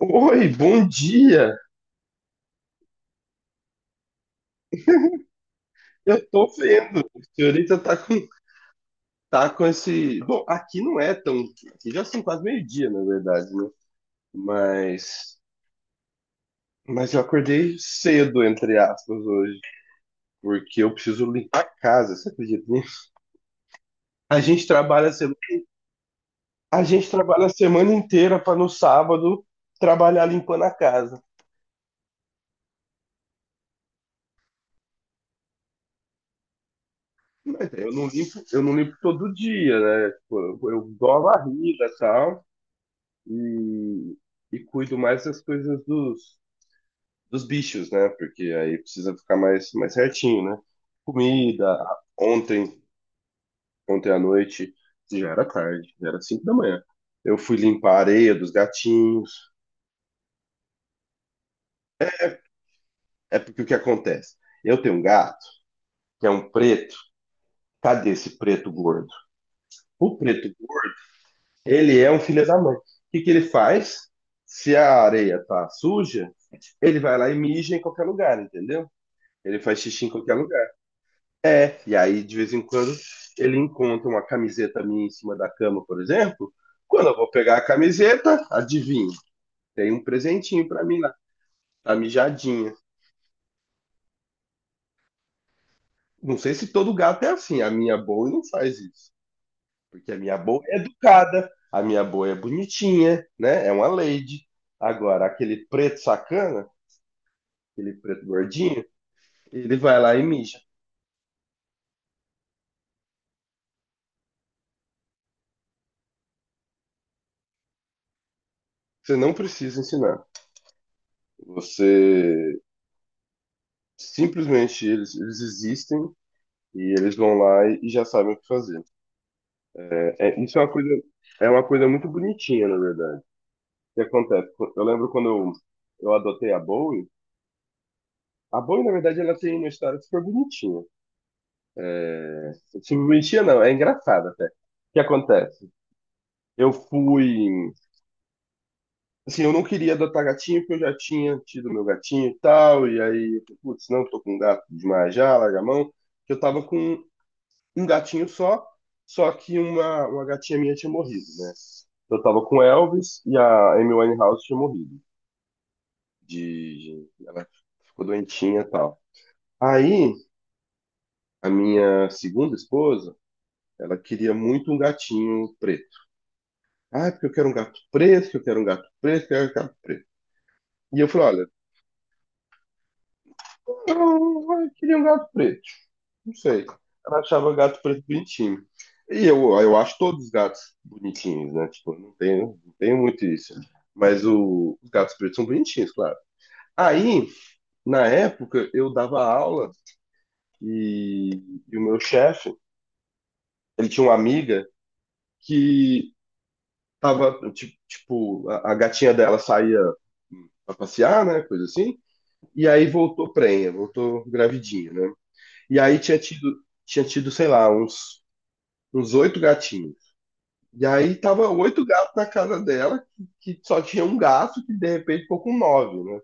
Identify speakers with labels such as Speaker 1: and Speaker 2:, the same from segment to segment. Speaker 1: Oi, bom dia. Eu tô vendo. A senhorita tá com esse. Bom, aqui não é tão. Aqui já são quase meio-dia, na verdade, né? Mas. Mas eu acordei cedo, entre aspas, hoje, porque eu preciso limpar a casa, você acredita nisso? A gente trabalha, a se- a gente trabalha a semana inteira para no sábado trabalhar limpando a casa. Mas eu não limpo todo dia, né? Tipo, eu dou a varrida e tal, e, e cuido mais das coisas dos bichos, né? Porque aí precisa ficar mais certinho, né? Comida. Ontem, ontem à noite, já era tarde, já era 5 da manhã. Eu fui limpar a areia dos gatinhos. É porque o que acontece? Eu tenho um gato que é um preto. Cadê esse preto gordo? O preto gordo, ele é um filho da mãe. O que que ele faz? Se a areia tá suja, ele vai lá e mija em qualquer lugar, entendeu? Ele faz xixi em qualquer lugar. É, e aí, de vez em quando, ele encontra uma camiseta minha em cima da cama, por exemplo. Quando eu vou pegar a camiseta, adivinha, tem um presentinho pra mim lá, a mijadinha. Não sei se todo gato é assim, a minha boa não faz isso, porque a minha boa é educada, a minha boa é bonitinha, né? É uma lady. Agora, aquele preto sacana, aquele preto gordinho, ele vai lá e mija. Você não precisa ensinar. Você simplesmente eles existem. E eles vão lá e já sabem o que fazer. É, é- isso é uma coisa, É uma coisa muito bonitinha, na verdade. O que acontece? Eu lembro quando eu adotei a Bowie. A Bowie, na verdade, ela tem uma história super bonitinha. É, super bonitinha, não. É engraçada até. O que acontece? Eu fui... Assim, eu não queria adotar gatinho porque eu já tinha tido meu gatinho e tal. E aí, putz, não, tô com um gato demais já, larga a mão. Que eu tava com um gatinho só, só que uma gatinha minha tinha morrido, né? Eu tava com o Elvis e a Amy Winehouse tinha morrido. Ela ficou doentinha e tal. Aí, a minha segunda esposa, ela queria muito um gatinho preto. Ah, é porque eu quero um gato preto, que eu quero um gato preto, que eu quero um gato preto. E eu falei, olha, eu queria um gato preto. Não sei. Ela achava gato preto bonitinho. E eu acho todos os gatos bonitinhos, né? Tipo, não tenho, não tenho muito isso. Mas os gatos pretos são bonitinhos, claro. Aí, na época, eu dava aula e, e o meu chefe, ele tinha uma amiga que tava, tipo, a gatinha dela saía pra passear, né? Coisa assim. E aí voltou prenha, voltou gravidinha, né? E aí tinha tido, sei lá, uns, oito gatinhos. E aí tava oito gatos na casa dela, que só tinha um gato, que de repente ficou com nove, né?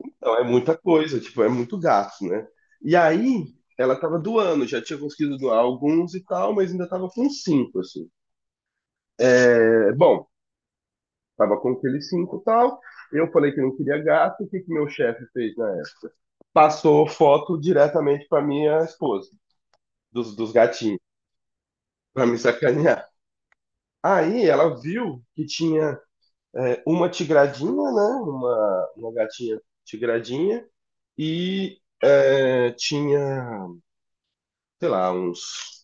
Speaker 1: Então é muita coisa, tipo, é muito gato, né? E aí ela tava doando, já tinha conseguido doar alguns e tal, mas ainda tava com cinco, assim. É, bom, tava com aqueles cinco e tal. Eu falei que não queria gato, o que que meu chefe fez na época? Passou foto diretamente pra minha esposa, dos gatinhos, pra me sacanear. Aí ela viu que tinha, uma tigradinha, né? Uma gatinha tigradinha e tinha, sei lá, uns.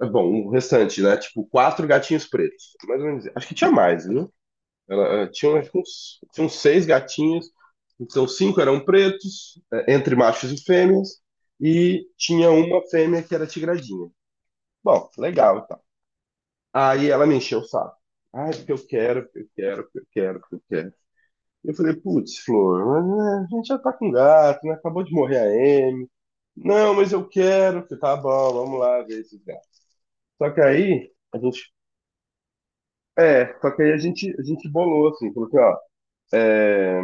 Speaker 1: Bom, o restante, né? Tipo, quatro gatinhos pretos. Mais ou menos. Acho que tinha mais, viu? Ela, tinha, acho que uns, tinha uns seis gatinhos, então cinco eram pretos, entre machos e fêmeas, e tinha uma fêmea que era tigradinha. Bom, legal, tá. Aí ela me encheu o saco. Ai, porque eu quero, porque eu quero, porque eu quero, porque eu quero. Eu falei, putz, Flor, mas, né, a gente já tá com gato, né? Acabou de morrer a Amy. Não, mas eu quero. Eu falei, tá bom, vamos lá ver esses gatos. Só que aí, a gente. É, só que aí a gente bolou, assim, falou assim, ó. é,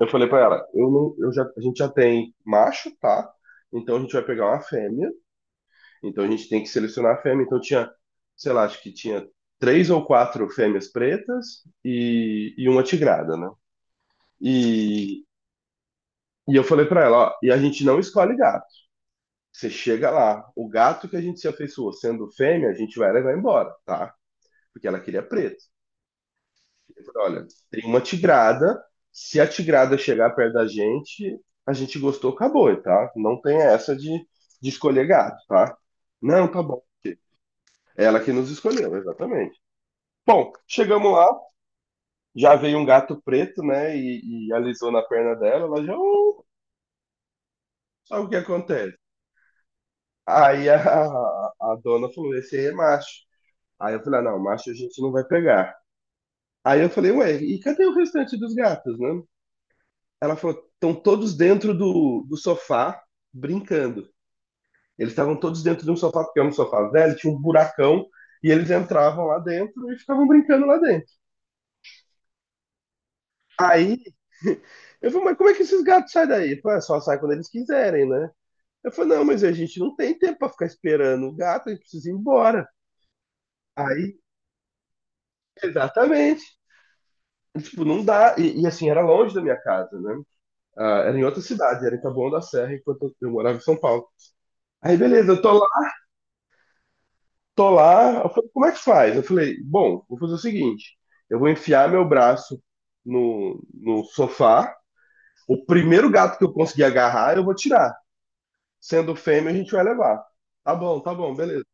Speaker 1: eu falei pra ela, eu não, eu já, a gente já tem macho, tá? Então a gente vai pegar uma fêmea. Então a gente tem que selecionar a fêmea. Então tinha, sei lá, acho que tinha três ou quatro fêmeas pretas e uma tigrada, né? E, e eu falei pra ela, ó, e a gente não escolhe gato. Você chega lá, o gato que a gente se afeiçoou sendo fêmea, a gente vai levar embora, tá? Porque ela queria preto. Eu falei, olha, tem uma tigrada, se a tigrada chegar perto da gente, a gente gostou, acabou, tá? Não tem essa de, escolher gato, tá? Não, tá bom. Ela que nos escolheu, exatamente. Bom, chegamos lá, já veio um gato preto, né? E alisou na perna dela, ela já, "Oh, sabe o que acontece? Aí a dona falou: esse aí é macho. Aí eu falei, ah, não, macho a gente não vai pegar. Aí eu falei, ué, e cadê o restante dos gatos, né? Ela falou, estão todos dentro do sofá, brincando. Eles estavam todos dentro de um sofá, porque é um sofá velho, tinha um buracão, e eles entravam lá dentro e ficavam brincando lá dentro. Aí eu falei, mas como é que esses gatos saem daí? Ele falou, "É, só sai quando eles quiserem, né? Eu falei, não, mas a gente não tem tempo para ficar esperando o gato, a gente precisa ir embora. Aí, exatamente. Tipo, não dá. Assim, era longe da minha casa, né? Ah, era em outra cidade, era em Taboão da Serra, enquanto eu morava em São Paulo. Aí, beleza, eu tô lá, tô lá. Eu falei, como é que faz? Eu falei, bom, vou fazer o seguinte: eu vou enfiar meu braço no sofá. O primeiro gato que eu conseguir agarrar, eu vou tirar. Sendo fêmea, a gente vai levar. Tá bom, beleza.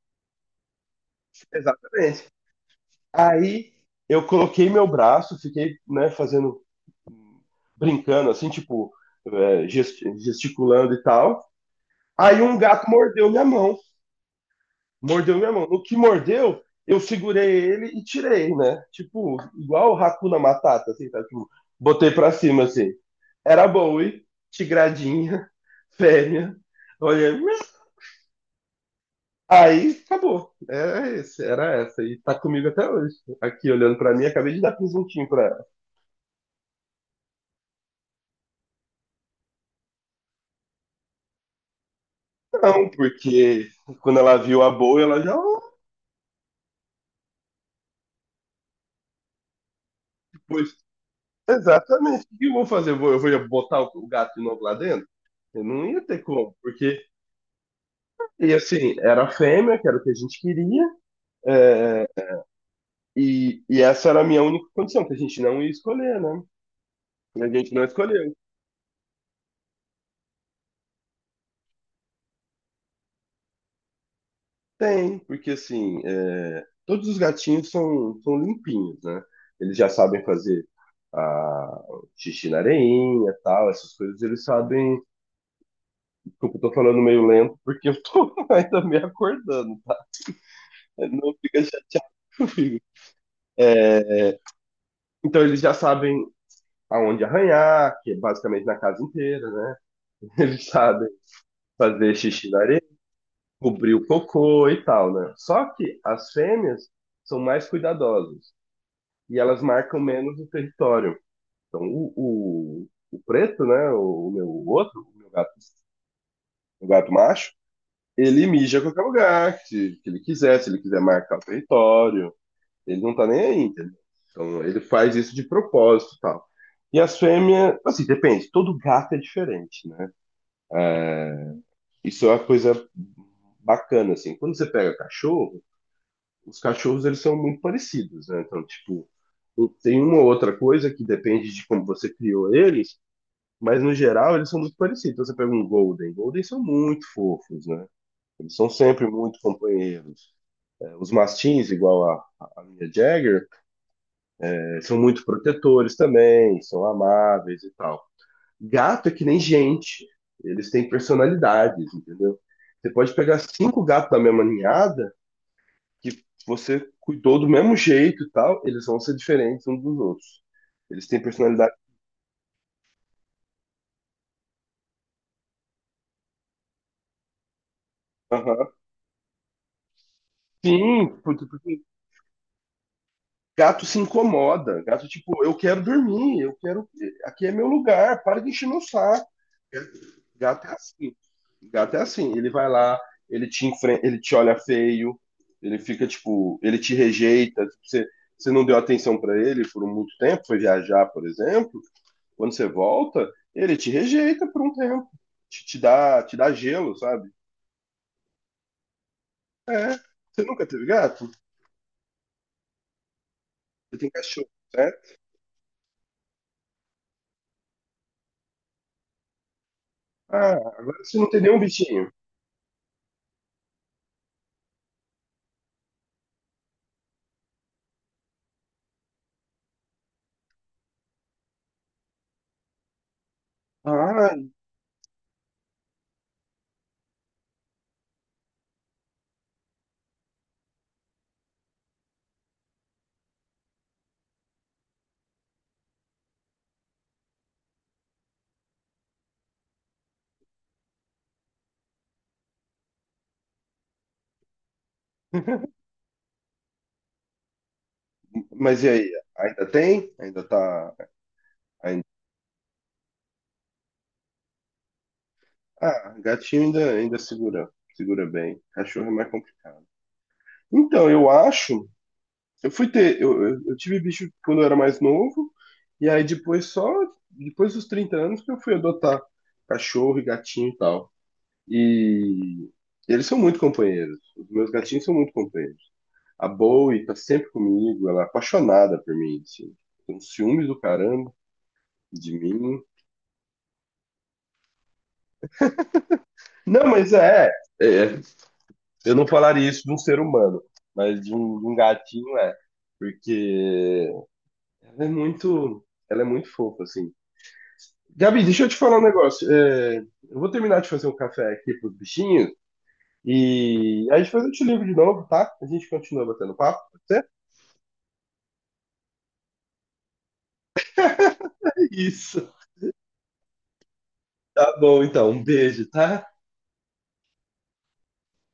Speaker 1: Exatamente. Aí eu coloquei meu braço, fiquei, né, fazendo, brincando, assim, tipo, gesticulando e tal. Aí um gato mordeu minha mão. Mordeu minha mão. No que mordeu, eu segurei ele e tirei, né? Tipo, igual o Hakuna Matata, assim, tá? Tipo, botei pra cima, assim. Era Bowie, tigradinha, fêmea. Olha, aí acabou. Era esse, era essa. E tá comigo até hoje. Aqui olhando pra mim, acabei de dar presuntinho pra ela. Não, porque quando ela viu a Bowie, ela já. "Oh, Pois, exatamente. O que eu vou fazer? Eu vou botar o gato de novo lá dentro? Eu não ia ter como, porque E assim, era fêmea, que era o que a gente queria, é, e essa era a minha única condição, que a gente não ia escolher, né? A gente não escolheu. Tem, porque assim, todos os gatinhos são limpinhos, né? Eles já sabem fazer a, xixi na areinha, tal, essas coisas, eles sabem. Desculpa, eu tô falando meio lento, porque eu tô ainda me acordando, tá? Não fica chateado comigo. É, então, eles já sabem aonde arranhar, que é basicamente na casa inteira, né? Eles sabem fazer xixi na areia, cobrir o cocô e tal, né? Só que as fêmeas são mais cuidadosas e elas marcam menos o território. Então, o preto, né? O meu outro, o meu gato, o gato macho, ele mija a qualquer lugar que ele quiser, se ele quiser marcar o território. Ele não tá nem aí, entendeu? Então, ele faz isso de propósito e tal. E as fêmeas, assim, depende, todo gato é diferente, né? É, isso é uma coisa bacana, assim. Quando você pega cachorro, os cachorros eles são muito parecidos, né? Então, tipo, tem uma ou outra coisa que depende de como você criou eles, mas no geral eles são muito parecidos. Então, você pega um Golden, Golden são muito fofos, né? Eles são sempre muito companheiros. É, os mastins, igual a minha Jagger, são muito protetores também, são amáveis e tal. Gato é que nem gente, eles têm personalidades, entendeu? Você pode pegar cinco gatos da mesma ninhada, que você cuidou do mesmo jeito e tal, eles vão ser diferentes uns dos outros. Eles têm personalidade. Aham. Sim, porque gato se incomoda. Gato, tipo, eu quero dormir, eu quero. Aqui é meu lugar, para de encher meu saco. Gato é assim. Gato é assim. Ele vai lá, ele te enfrenta, ele te olha feio, ele fica tipo, ele te rejeita. Tipo, você não deu atenção para ele por muito tempo, foi viajar, por exemplo. Quando você volta, ele te rejeita por um tempo. Te dá gelo, sabe? É. Você nunca teve gato? Você tem cachorro, certo? Ah, agora você não tem nenhum bichinho. Ah, mas e aí? Ainda tem? Ainda tá, Ah, gatinho ainda, segura, bem. Cachorro é mais complicado. Então, eu acho. Eu fui ter. Eu tive bicho quando eu era mais novo, e aí depois só. Depois dos 30 anos que eu fui adotar cachorro e gatinho e tal. E eles são muito companheiros. Os meus gatinhos são muito companheiros. A Bowie tá sempre comigo, ela é apaixonada por mim, assim. Tem um ciúmes do caramba de mim. Não, mas é, é Eu não falaria isso de um ser humano, mas de um gatinho é. Porque ela é muito fofa, assim. Gabi, deixa eu te falar um negócio. É, eu vou terminar de fazer um café aqui pros bichinhos e aí depois eu te ligo de novo, tá? A gente continua batendo papo. Até isso. Tá bom, então. Um beijo, tá?